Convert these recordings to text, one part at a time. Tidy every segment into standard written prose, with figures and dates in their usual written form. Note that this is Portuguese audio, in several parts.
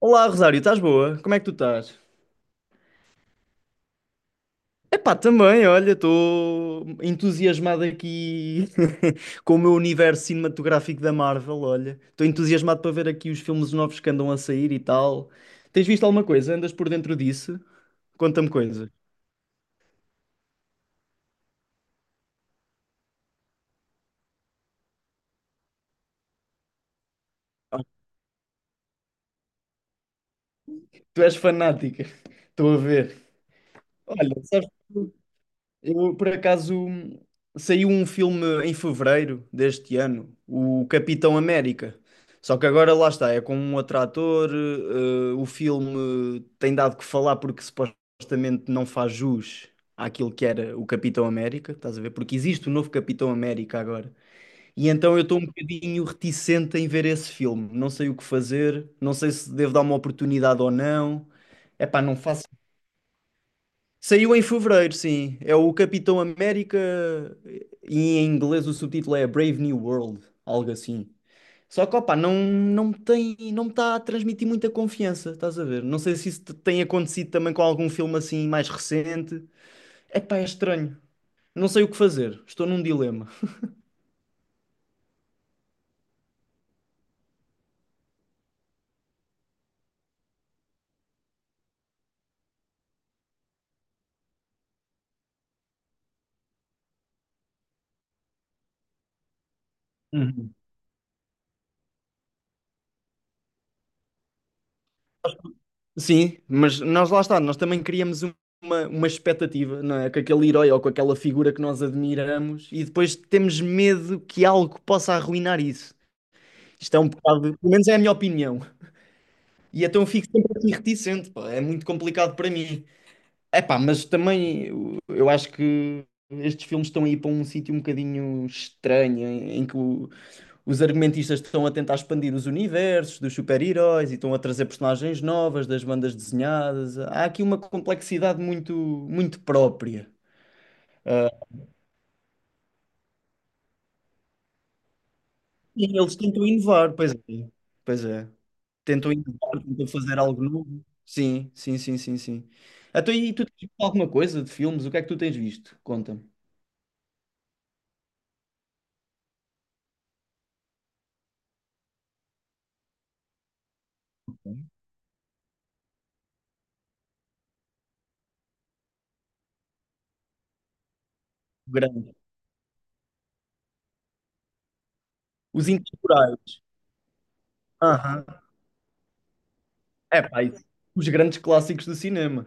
Olá, Rosário, estás boa? Como é que tu estás? Epá, também, olha, estou entusiasmado aqui com o meu universo cinematográfico da Marvel, olha. Estou entusiasmado para ver aqui os filmes novos que andam a sair e tal. Tens visto alguma coisa? Andas por dentro disso? Conta-me coisas. Ah, tu és fanática. Estou a ver. Olha, sabes? Eu, por acaso, saiu um filme em fevereiro deste ano, o Capitão América. Só que agora lá está, é com um outro ator. O filme tem dado que falar porque supostamente não faz jus àquilo que era o Capitão América, estás a ver? Porque existe o novo Capitão América agora. E então eu estou um bocadinho reticente em ver esse filme. Não sei o que fazer, não sei se devo dar uma oportunidade ou não. Epá, não faço. Saiu em fevereiro, sim. É o Capitão América e em inglês o subtítulo é Brave New World, algo assim. Só que, opá, não me tem, não me está a transmitir muita confiança, estás a ver? Não sei se isso tem acontecido também com algum filme assim mais recente. Epá, é estranho. Não sei o que fazer. Estou num dilema. Uhum. Sim, mas nós lá está, nós também criamos uma expectativa, não é? Com aquele herói ou com aquela figura que nós admiramos e depois temos medo que algo possa arruinar isso. Isto é um bocado, pelo menos é a minha opinião. E então eu fico sempre assim reticente, pá. É muito complicado para mim. É pá, mas também eu acho que estes filmes estão aí para um sítio um bocadinho estranho, em que os argumentistas estão a tentar expandir os universos dos super-heróis e estão a trazer personagens novas das bandas desenhadas. Há aqui uma complexidade muito, muito própria. E eles tentam inovar, pois é. Pois é. Tentam inovar, tentam fazer algo novo. Sim, sim, sim, sim, sim. Então, e tu tens visto alguma coisa de filmes? O que é que tu tens visto? Conta-me. Grande. Os Intemporais. Aham. É pá, isso. Os grandes clássicos do cinema.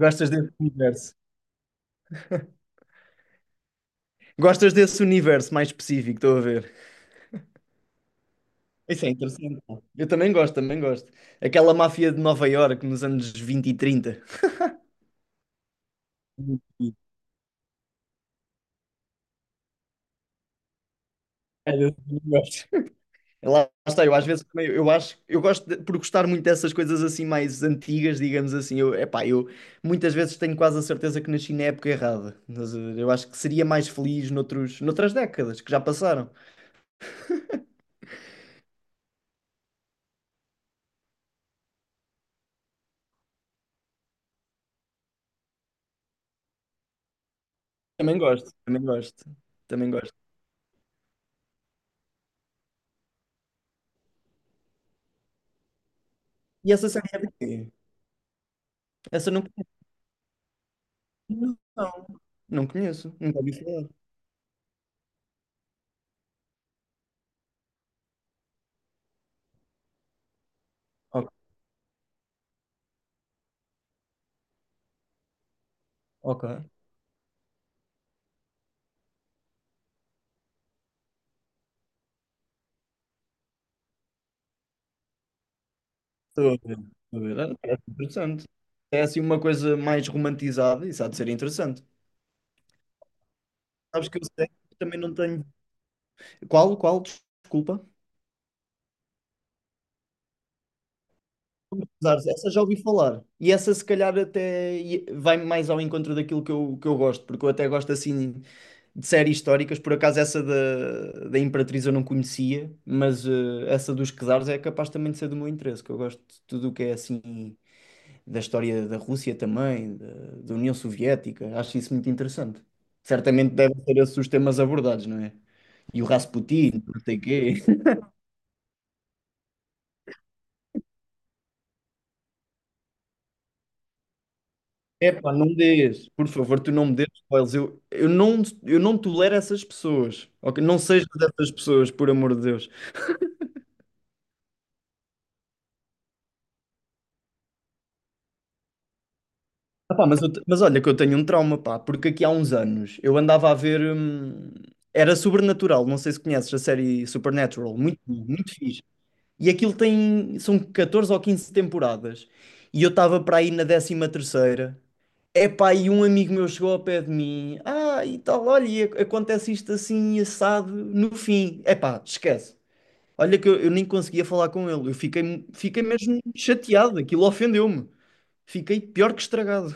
Gostas desse universo? Gostas desse universo mais específico, estou a ver. Isso é interessante, pá. Eu também gosto, também gosto. Aquela máfia de Nova Iorque nos anos 20 e 30. É, eu também gosto. Lá está, eu às vezes também, eu acho, eu gosto por gostar muito dessas coisas assim mais antigas, digamos assim, eu, epá, eu muitas vezes tenho quase a certeza que nasci na época errada, mas eu acho que seria mais feliz noutras décadas que já passaram. Também gosto, também gosto, também gosto. E essa série é de quê? Essa eu não conheço. Não, não conheço, nunca ouvi falar. Ok, ok. Estou a ver, estou a ver. Ah, parece interessante. É assim uma coisa mais romantizada, isso há de ser interessante. Sabes que eu sei, também não tenho. Qual, qual? Desculpa. Zares, essa já ouvi falar. E essa se calhar até vai mais ao encontro daquilo que que eu gosto, porque eu até gosto assim de séries históricas, por acaso essa da, Imperatriz eu não conhecia, mas essa dos Czares é capaz também de ser do meu interesse, que eu gosto de tudo o que é assim da história da Rússia também, da, União Soviética, acho isso muito interessante. Certamente devem ser esses os temas abordados, não é? E o Rasputin, não sei quê. Epá, não me dês, por favor, tu não me dês spoilers. Eu não tolero essas pessoas. Ok? Não sejas dessas pessoas, por amor de Deus. Ah, pá, mas, olha que eu tenho um trauma, pá, porque aqui há uns anos eu andava a ver, era Sobrenatural, não sei se conheces a série Supernatural, muito, bom, muito fixe. E aquilo tem. São 14 ou 15 temporadas. E eu estava para aí na 13.ª. Epá, e um amigo meu chegou ao pé de mim. Ah, e tal, olha, e acontece isto assim, assado, no fim. Epá, esquece. Olha que eu nem conseguia falar com ele. Eu fiquei mesmo chateado. Aquilo ofendeu-me. Fiquei pior que estragado.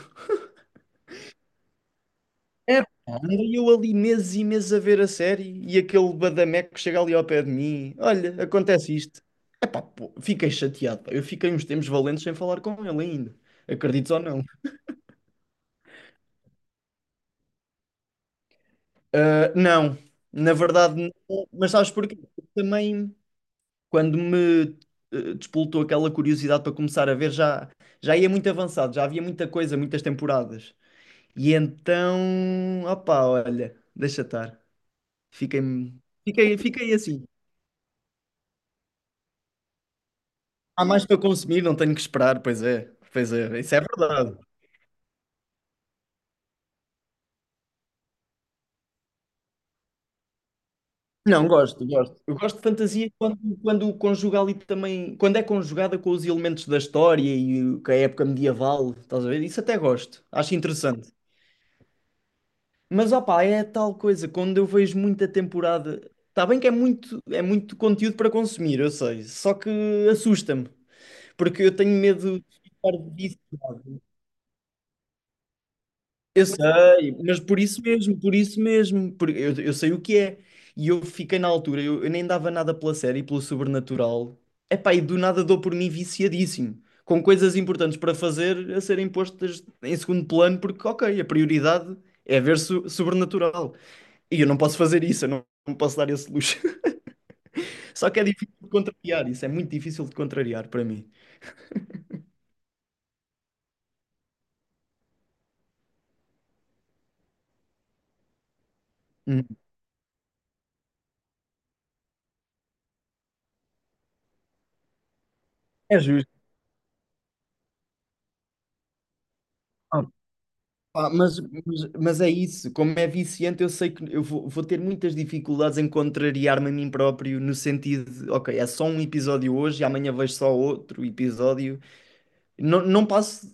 Andei eu ali meses e meses a ver a série e aquele badameco que chega ali ao pé de mim. Olha, acontece isto. Epá, pô, fiquei chateado, pá. Eu fiquei uns tempos valentes sem falar com ele ainda. Acredites ou não? Ah, não, na verdade, não. Mas sabes porquê? Também. Quando me despoltou aquela curiosidade para começar a ver, já ia muito avançado, já havia muita coisa, muitas temporadas. E então, opá, olha, deixa estar. Fiquei, fiquei assim. Há mais para consumir, não tenho que esperar, pois é, isso é verdade. Não, gosto, gosto. Eu gosto de fantasia quando conjuga ali também, quando é conjugada com os elementos da história e com a época medieval, estás a ver? Isso até gosto, acho interessante. Mas opá, é tal coisa, quando eu vejo muita temporada, está bem que é muito conteúdo para consumir, eu sei, só que assusta-me, porque eu tenho medo de ficar viciado. Eu sei, mas por isso mesmo, porque eu sei o que é. E eu fiquei na altura, eu nem dava nada pela série, pelo sobrenatural. Epá, e do nada dou por mim viciadíssimo, com coisas importantes para fazer a serem postas em segundo plano, porque ok, a prioridade é ver sobrenatural. E eu não posso fazer isso, eu não posso dar esse luxo. Só que é difícil de contrariar isso, é muito difícil de contrariar para mim. Hum. É justo. Ah, pá, mas é isso, como é viciante, eu sei que eu vou ter muitas dificuldades em contrariar-me a mim próprio, no sentido de, ok, é só um episódio hoje e amanhã vejo só outro episódio. Não passo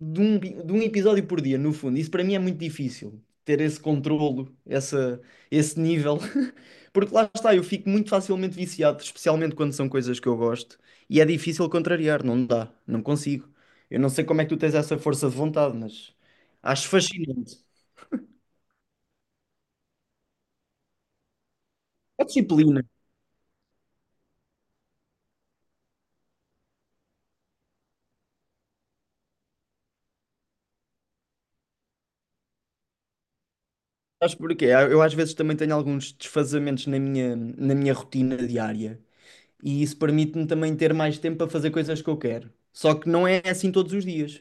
de um episódio por dia, no fundo. Isso para mim é muito difícil, ter esse controlo, esse nível. Porque lá está, eu fico muito facilmente viciado, especialmente quando são coisas que eu gosto, e é difícil contrariar, não dá, não consigo. Eu não sei como é que tu tens essa força de vontade, mas acho fascinante. A disciplina, sabes porquê? Eu às vezes também tenho alguns desfazamentos na minha rotina diária, e isso permite-me também ter mais tempo para fazer coisas que eu quero. Só que não é assim todos os dias.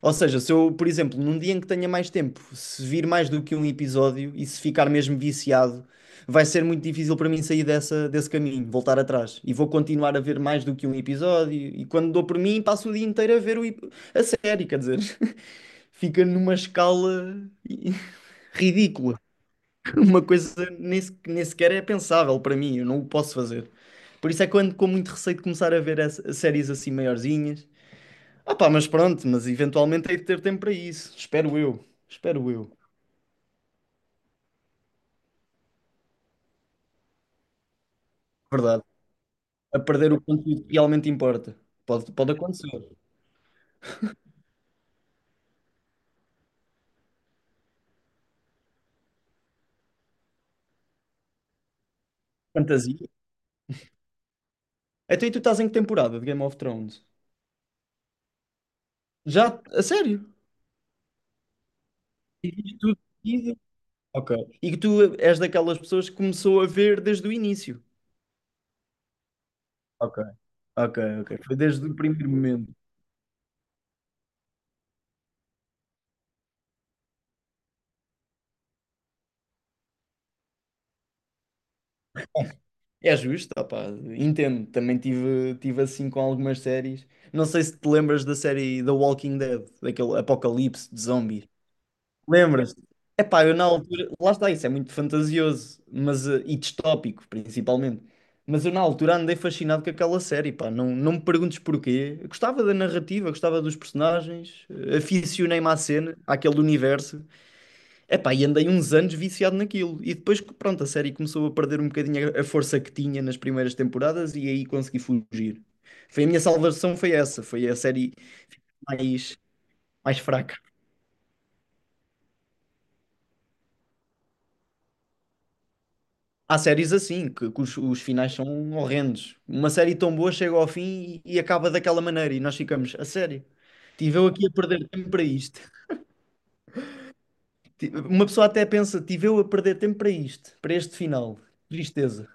Ou seja, se eu, por exemplo, num dia em que tenha mais tempo, se vir mais do que um episódio e se ficar mesmo viciado, vai ser muito difícil para mim sair desse caminho, voltar atrás. E vou continuar a ver mais do que um episódio. E quando dou por mim, passo o dia inteiro a ver a série, quer dizer, fica numa escala i- ridícula. Uma coisa nem, nem sequer é pensável para mim, eu não o posso fazer. Por isso é que eu ando com muito receio de começar a ver séries assim maiorzinhas. Ah pá, mas pronto, mas eventualmente hei de ter tempo para isso. Espero eu. Espero eu. Verdade. A perder o conteúdo que realmente importa. Pode acontecer. Fantasia. Então e tu estás em que temporada de Game of Thrones? Já? A sério? E que tu... e- Ok. E que tu és daquelas pessoas que começou a ver desde o início. Ok. Ok, ok. Foi desde o primeiro momento. É justo, ah pá, entendo. Também tive assim com algumas séries. Não sei se te lembras da série The Walking Dead, daquele apocalipse de zombies. Lembras-te? Epá, eu na altura, lá está, isso é muito fantasioso, mas e distópico, principalmente. Mas eu na altura andei fascinado com aquela série, pá, não me perguntes porquê. Eu gostava da narrativa, gostava dos personagens, aficionei-me à cena, àquele universo. Epá, e andei uns anos viciado naquilo. E depois, que, pronto, a série começou a perder um bocadinho a força que tinha nas primeiras temporadas e aí consegui fugir. Foi a minha salvação, foi essa, foi a série mais, mais fraca. Há séries assim, que os finais são horrendos. Uma série tão boa chega ao fim e acaba daquela maneira e nós ficamos, a sério, tive eu aqui a perder tempo para isto. Uma pessoa até pensa, tive eu a perder tempo para isto, para este final. Tristeza.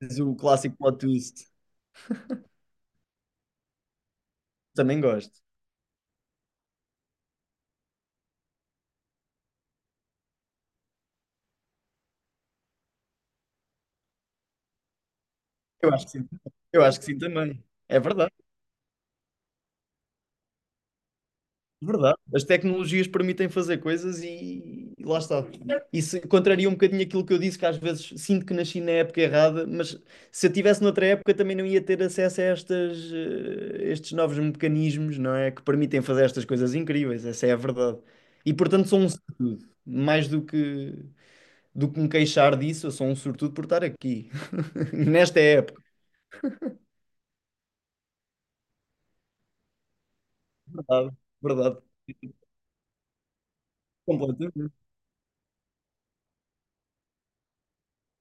Mas o clássico plot twist. Também gosto. Eu acho que sim. Eu acho que sim também. É verdade. Verdade. As tecnologias permitem fazer coisas e lá está. Isso contraria um bocadinho aquilo que eu disse, que às vezes sinto que nasci na época errada, mas se eu tivesse noutra época também não ia ter acesso a estes novos mecanismos, não é? Que permitem fazer estas coisas incríveis, essa é a verdade. E portanto sou um sortudo, mais do que me queixar disso, eu sou um sortudo por estar aqui, nesta época. Verdade, verdade, completamente.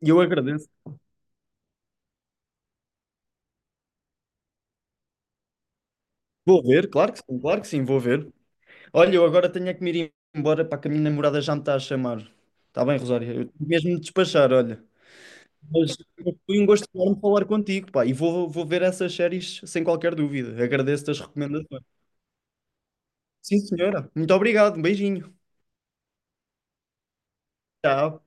E eu agradeço. Vou ver, claro que sim, vou ver. Olha, eu agora tenho é que me ir embora para que a minha namorada já me está a chamar. Está bem, Rosário? Eu tenho mesmo de despachar, olha. Mas foi um gosto enorme falar contigo, pá. E vou ver essas séries sem qualquer dúvida. Agradeço-te as recomendações. Sim, senhora. Muito obrigado. Um beijinho. Tchau.